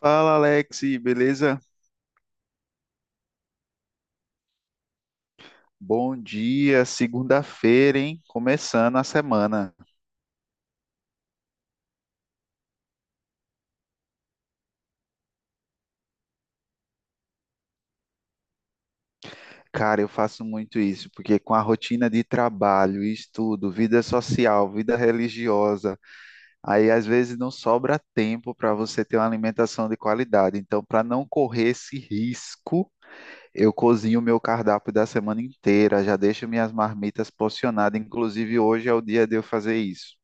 Fala, Alex, beleza? Bom dia, segunda-feira, hein? Começando a semana. Cara, eu faço muito isso, porque com a rotina de trabalho, estudo, vida social, vida religiosa, aí às vezes não sobra tempo para você ter uma alimentação de qualidade. Então, para não correr esse risco, eu cozinho o meu cardápio da semana inteira, já deixo minhas marmitas porcionadas. Inclusive, hoje é o dia de eu fazer isso.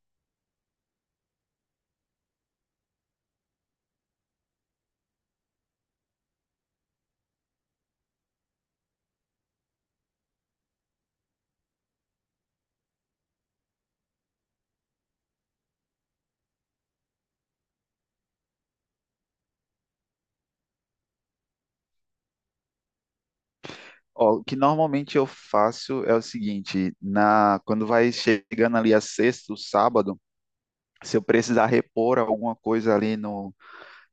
Ó, o que normalmente eu faço é o seguinte, na quando vai chegando ali a sexta, o sábado, se eu precisar repor alguma coisa ali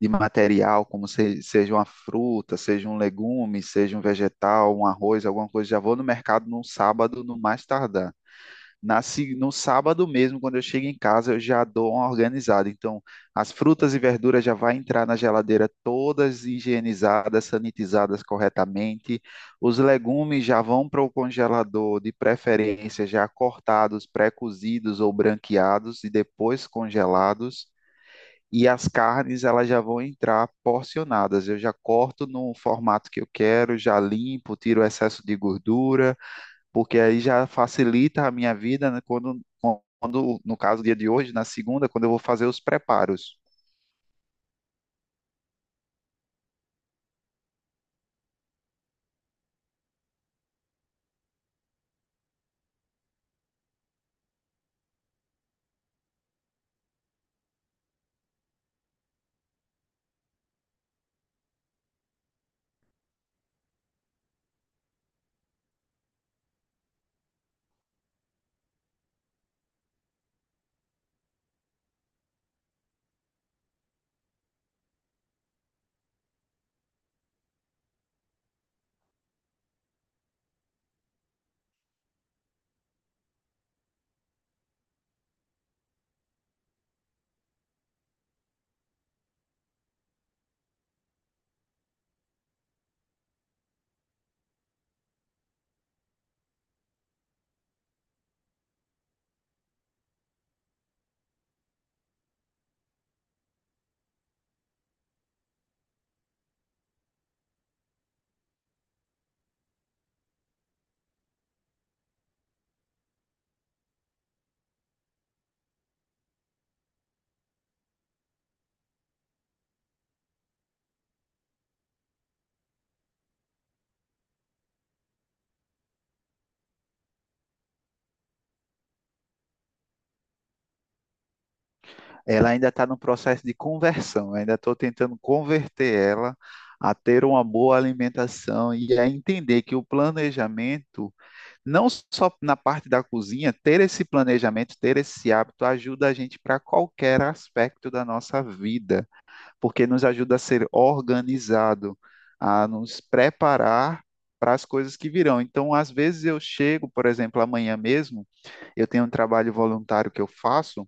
de material, como seja uma fruta, seja um legume, seja um vegetal, um arroz, alguma coisa, já vou no mercado no sábado, no mais tardar. Na, se- No sábado mesmo, quando eu chego em casa, eu já dou uma organizada. Então, as frutas e verduras já vai entrar na geladeira todas higienizadas, sanitizadas corretamente. Os legumes já vão para o congelador, de preferência já cortados, pré-cozidos ou branqueados e depois congelados. E as carnes, elas já vão entrar porcionadas. Eu já corto no formato que eu quero, já limpo, tiro o excesso de gordura porque aí já facilita a minha vida né, quando no caso, dia de hoje, na segunda, quando eu vou fazer os preparos. Ela ainda está no processo de conversão, eu ainda estou tentando converter ela a ter uma boa alimentação e a entender que o planejamento, não só na parte da cozinha, ter esse planejamento, ter esse hábito ajuda a gente para qualquer aspecto da nossa vida. Porque nos ajuda a ser organizado, a nos preparar para as coisas que virão. Então, às vezes eu chego, por exemplo, amanhã mesmo, eu tenho um trabalho voluntário que eu faço.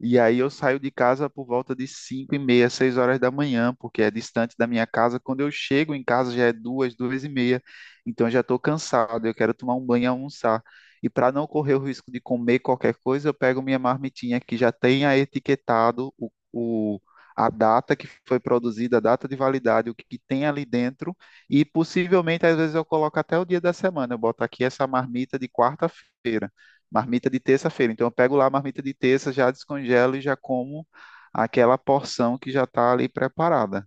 E aí eu saio de casa por volta de cinco e meia, 6 horas da manhã, porque é distante da minha casa. Quando eu chego em casa já é duas, duas e meia. Então eu já estou cansado, eu quero tomar um banho e almoçar. E para não correr o risco de comer qualquer coisa, eu pego minha marmitinha que já tenha etiquetado a data que foi produzida, a data de validade, o que, que tem ali dentro. E possivelmente, às vezes, eu coloco até o dia da semana. Eu boto aqui essa marmita de quarta-feira, marmita de terça-feira. Então eu pego lá a marmita de terça, já descongelo e já como aquela porção que já está ali preparada.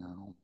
Não.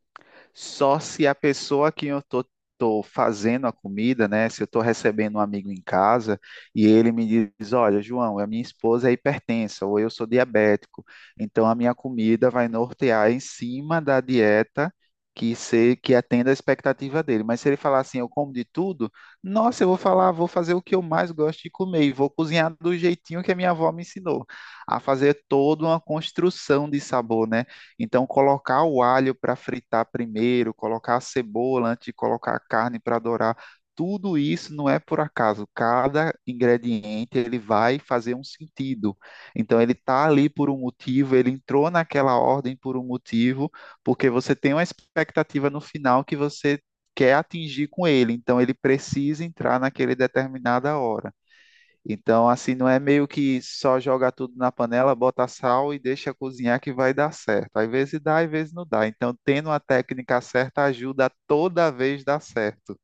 Só se a pessoa que tô fazendo a comida, né? Se eu tô recebendo um amigo em casa e ele me diz, olha, João, a minha esposa é hipertensa ou eu sou diabético, então a minha comida vai nortear em cima da dieta que se que atenda a expectativa dele. Mas se ele falar assim, eu como de tudo, nossa, eu vou falar, vou fazer o que eu mais gosto de comer e vou cozinhar do jeitinho que a minha avó me ensinou, a fazer toda uma construção de sabor, né? Então, colocar o alho para fritar primeiro, colocar a cebola antes de colocar a carne para dourar, tudo isso não é por acaso. Cada ingrediente ele vai fazer um sentido. Então, ele está ali por um motivo, ele entrou naquela ordem por um motivo, porque você tem uma expectativa no final que você quer atingir com ele. Então, ele precisa entrar naquele determinada hora. Então, assim, não é meio que só joga tudo na panela, bota sal e deixa cozinhar que vai dar certo. Às vezes dá, às vezes não dá. Então, tendo a técnica certa ajuda a toda vez dar certo.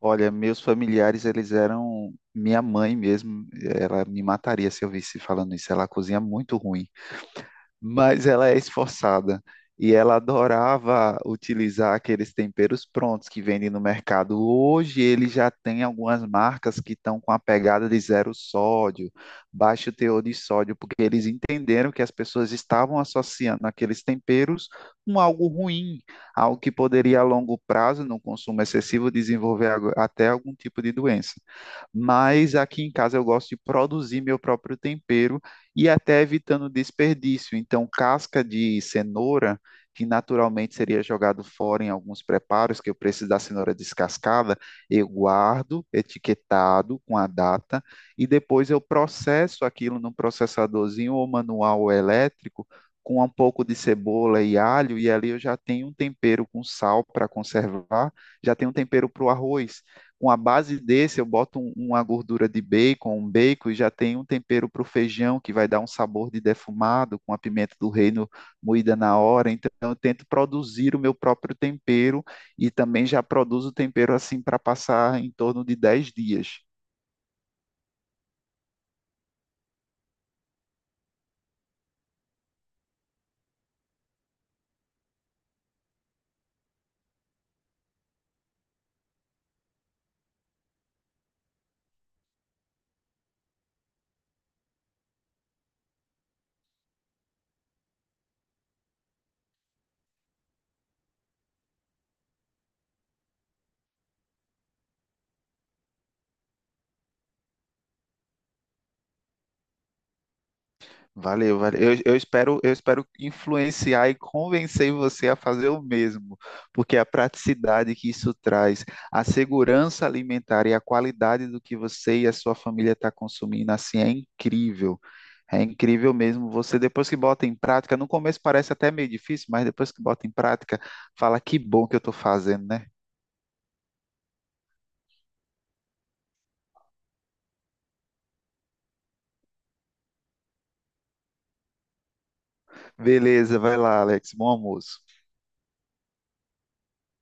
Olha, meus familiares, eles eram minha mãe mesmo, ela me mataria se eu visse falando isso. Ela cozinha muito ruim, mas ela é esforçada. E ela adorava utilizar aqueles temperos prontos que vendem no mercado. Hoje ele já tem algumas marcas que estão com a pegada de zero sódio, baixo teor de sódio, porque eles entenderam que as pessoas estavam associando aqueles temperos com algo ruim, algo que poderia a longo prazo, no consumo excessivo, desenvolver até algum tipo de doença. Mas aqui em casa eu gosto de produzir meu próprio tempero e até evitando desperdício. Então, casca de cenoura, que naturalmente seria jogado fora em alguns preparos, que eu preciso da cenoura descascada, eu guardo etiquetado com a data e depois eu processo aquilo num processadorzinho ou manual ou elétrico com um pouco de cebola e alho, e ali eu já tenho um tempero com sal para conservar, já tenho um tempero para o arroz, com a base desse, eu boto uma gordura de bacon, um bacon, e já tem um tempero para o feijão que vai dar um sabor de defumado, com a pimenta do reino moída na hora. Então, eu tento produzir o meu próprio tempero e também já produzo o tempero assim para passar em torno de 10 dias. Valeu, valeu. Eu espero influenciar e convencer você a fazer o mesmo, porque a praticidade que isso traz, a segurança alimentar e a qualidade do que você e a sua família estão consumindo, assim, é incrível. É incrível mesmo. Você, depois que bota em prática, no começo parece até meio difícil, mas depois que bota em prática, fala que bom que eu estou fazendo, né? Beleza, vai lá, Alex. Bom almoço.